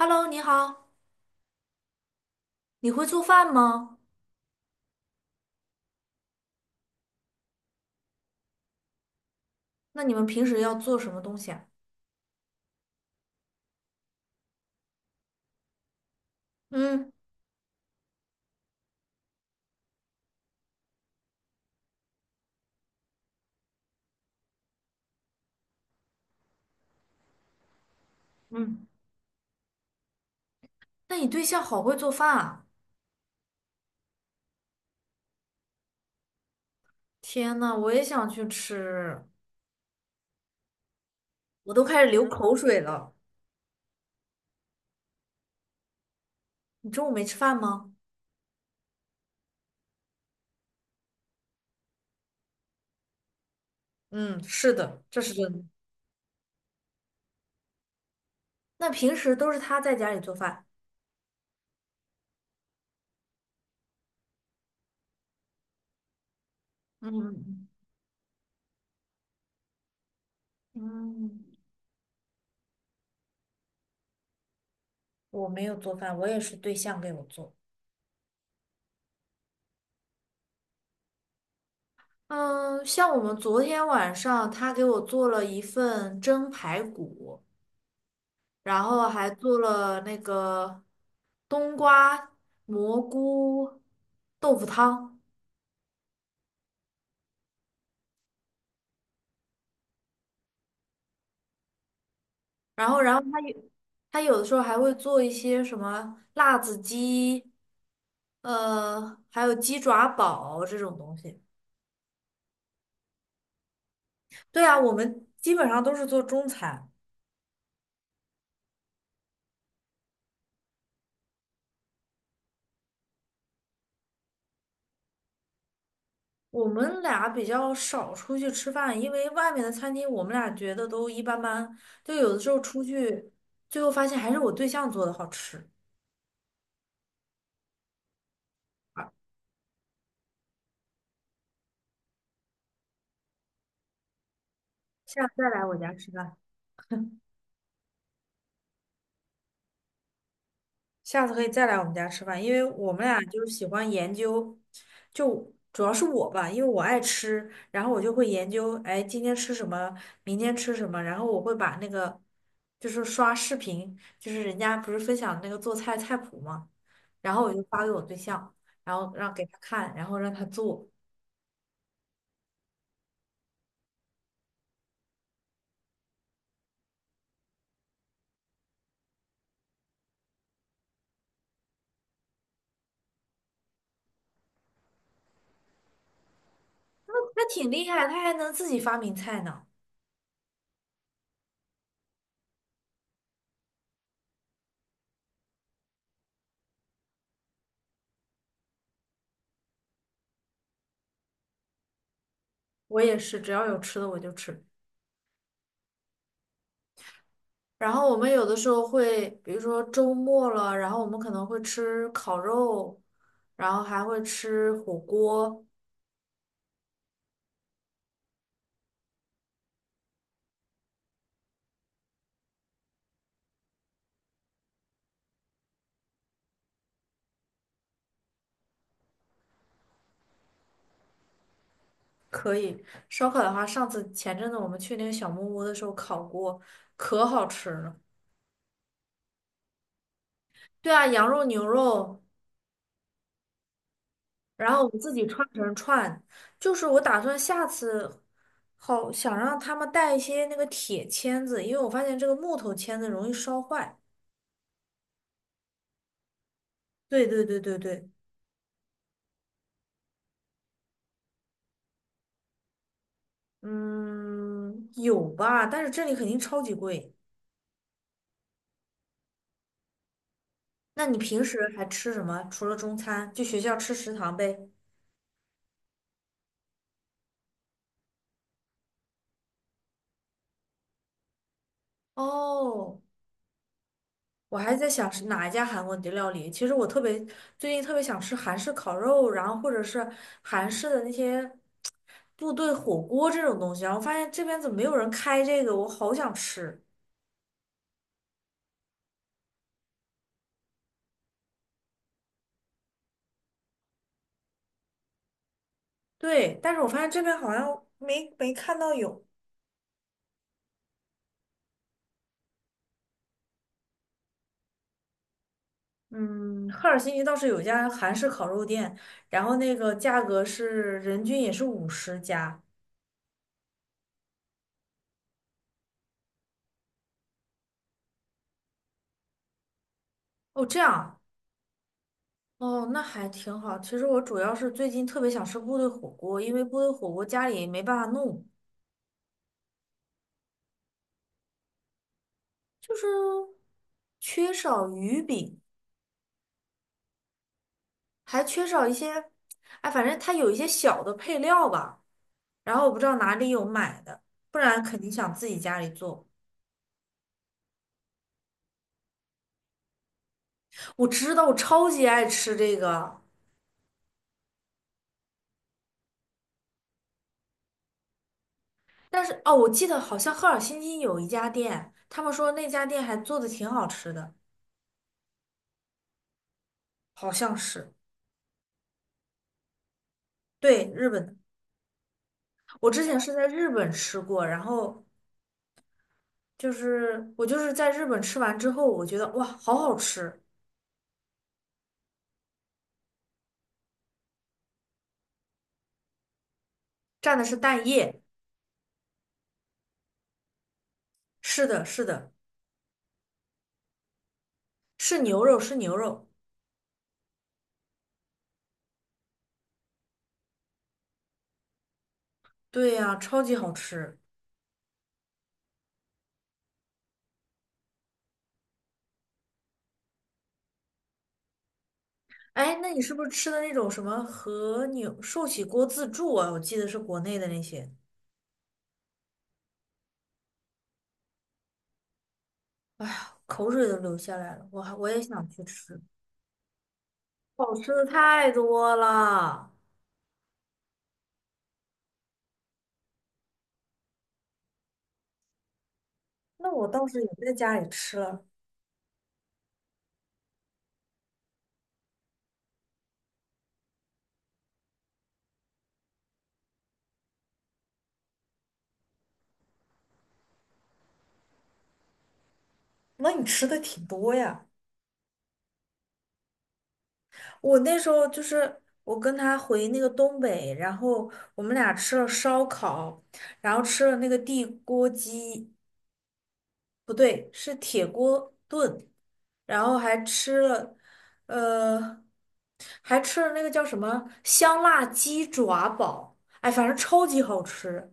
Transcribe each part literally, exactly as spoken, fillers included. Hello，你好，你会做饭吗？那你们平时要做什么东西啊？嗯嗯，那你对象好会做饭啊！天呐，我也想去吃，我都开始流口水了。你中午没吃饭吗？嗯，是的，这是真的。那平时都是他在家里做饭。嗯嗯，我没有做饭，我也是对象给我做。嗯，像我们昨天晚上，他给我做了一份蒸排骨，然后还做了那个冬瓜、蘑菇、豆腐汤。然后，然后他有他有的时候还会做一些什么辣子鸡，呃，还有鸡爪煲这种东西。对啊，我们基本上都是做中餐。我们俩比较少出去吃饭，因为外面的餐厅我们俩觉得都一般般，就有的时候出去，最后发现还是我对象做的好吃。好下次再来我家吃饭。下次可以再来我们家吃饭，因为我们俩就是喜欢研究，就主要是我吧，因为我爱吃，然后我就会研究，哎，今天吃什么，明天吃什么，然后我会把那个，就是刷视频，就是人家不是分享那个做菜菜谱嘛，然后我就发给我对象，然后让给他看，然后让他做，他挺厉害，他还能自己发明菜呢。我也是，只要有吃的我就吃。然后我们有的时候会，比如说周末了，然后我们可能会吃烤肉，然后还会吃火锅。可以，烧烤的话，上次前阵子我们去那个小木屋的时候烤过，可好吃了。对啊，羊肉、牛肉，然后我们自己串成串。就是我打算下次好想让他们带一些那个铁签子，因为我发现这个木头签子容易烧坏。对对对对对。嗯，有吧，但是这里肯定超级贵。那你平时还吃什么？除了中餐，就学校吃食堂呗。哦，我还在想是哪一家韩国的料理。其实我特别最近特别想吃韩式烤肉，然后或者是韩式的那些部队火锅这种东西。然后发现这边怎么没有人开这个，我好想吃。对，但是我发现这边好像没没看到有。嗯，赫尔辛基倒是有一家韩式烤肉店，然后那个价格是人均也是五十加。哦，这样啊，哦，那还挺好。其实我主要是最近特别想吃部队火锅，因为部队火锅家里没办法弄，就是缺少鱼饼，还缺少一些，哎，反正它有一些小的配料吧。然后我不知道哪里有买的，不然肯定想自己家里做。我知道，我超级爱吃这个。但是哦，我记得好像赫尔辛基有一家店，他们说那家店还做的挺好吃的，好像是，对，日本的。我之前是在日本吃过，然后就是我就是在日本吃完之后，我觉得哇，好好吃，蘸的是蛋液，是的，是的，是牛肉，是牛肉，对呀，超级好吃。哎，那你是不是吃的那种什么和牛寿喜锅自助啊？我记得是国内的那些，口水都流下来了，我还我也想去吃。好吃的太多了。那我倒是也在家里吃了，那你吃的挺多呀。我那时候就是我跟他回那个东北，然后我们俩吃了烧烤，然后吃了那个地锅鸡，不对，是铁锅炖，然后还吃了，呃，还吃了那个叫什么香辣鸡爪煲，哎，反正超级好吃。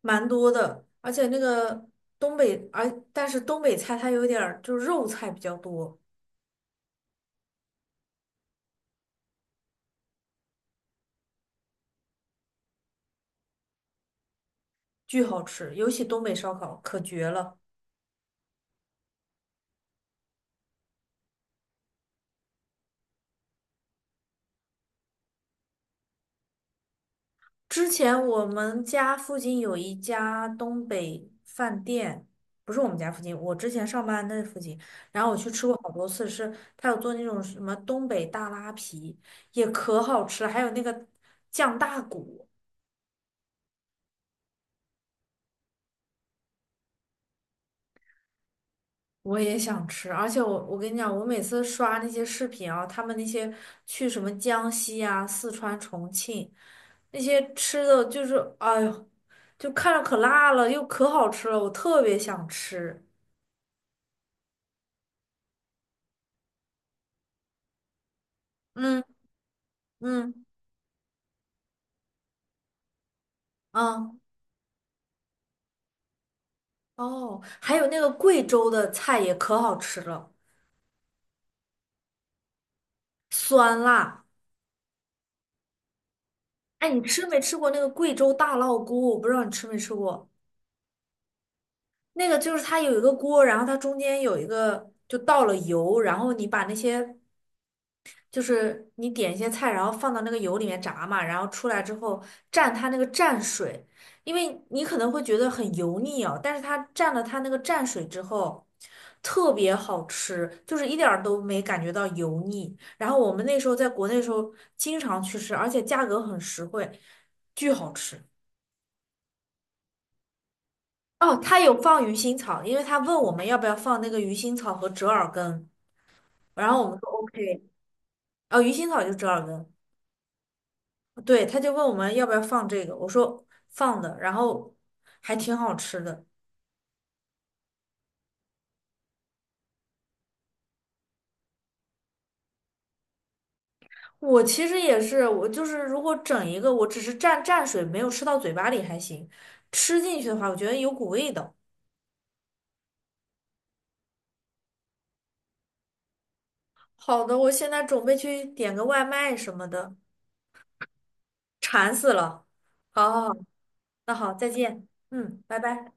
蛮多的，而且那个东北，而但是东北菜它有点儿就是肉菜比较多，巨好吃，尤其东北烧烤可绝了。之前我们家附近有一家东北饭店，不是我们家附近，我之前上班那附近，然后我去吃过好多次，是他有做那种什么东北大拉皮，也可好吃了还有那个酱大骨。我也想吃，而且我我跟你讲，我每次刷那些视频啊，他们那些去什么江西啊、四川、重庆那些吃的，就是哎呦，就看着可辣了，又可好吃了，我特别想吃。嗯嗯嗯，哦，还有那个贵州的菜也可好吃了，酸辣。哎，你吃没吃过那个贵州大烙锅？我不知道你吃没吃过。那个就是它有一个锅，然后它中间有一个就倒了油，然后你把那些就是你点一些菜，然后放到那个油里面炸嘛，然后出来之后蘸它那个蘸水，因为你可能会觉得很油腻哦，但是它蘸了它那个蘸水之后，特别好吃，就是一点儿都没感觉到油腻。然后我们那时候在国内的时候经常去吃，而且价格很实惠，巨好吃。哦，他有放鱼腥草，因为他问我们要不要放那个鱼腥草和折耳根，然后我们说 O K，哦，鱼腥草就折耳根。对，他就问我们要不要放这个，我说放的，然后还挺好吃的。我其实也是，我就是如果整一个，我只是蘸蘸水，没有吃到嘴巴里还行，吃进去的话，我觉得有股味道。好的，我现在准备去点个外卖什么的，馋死了。好好好，那好，再见。嗯，拜拜。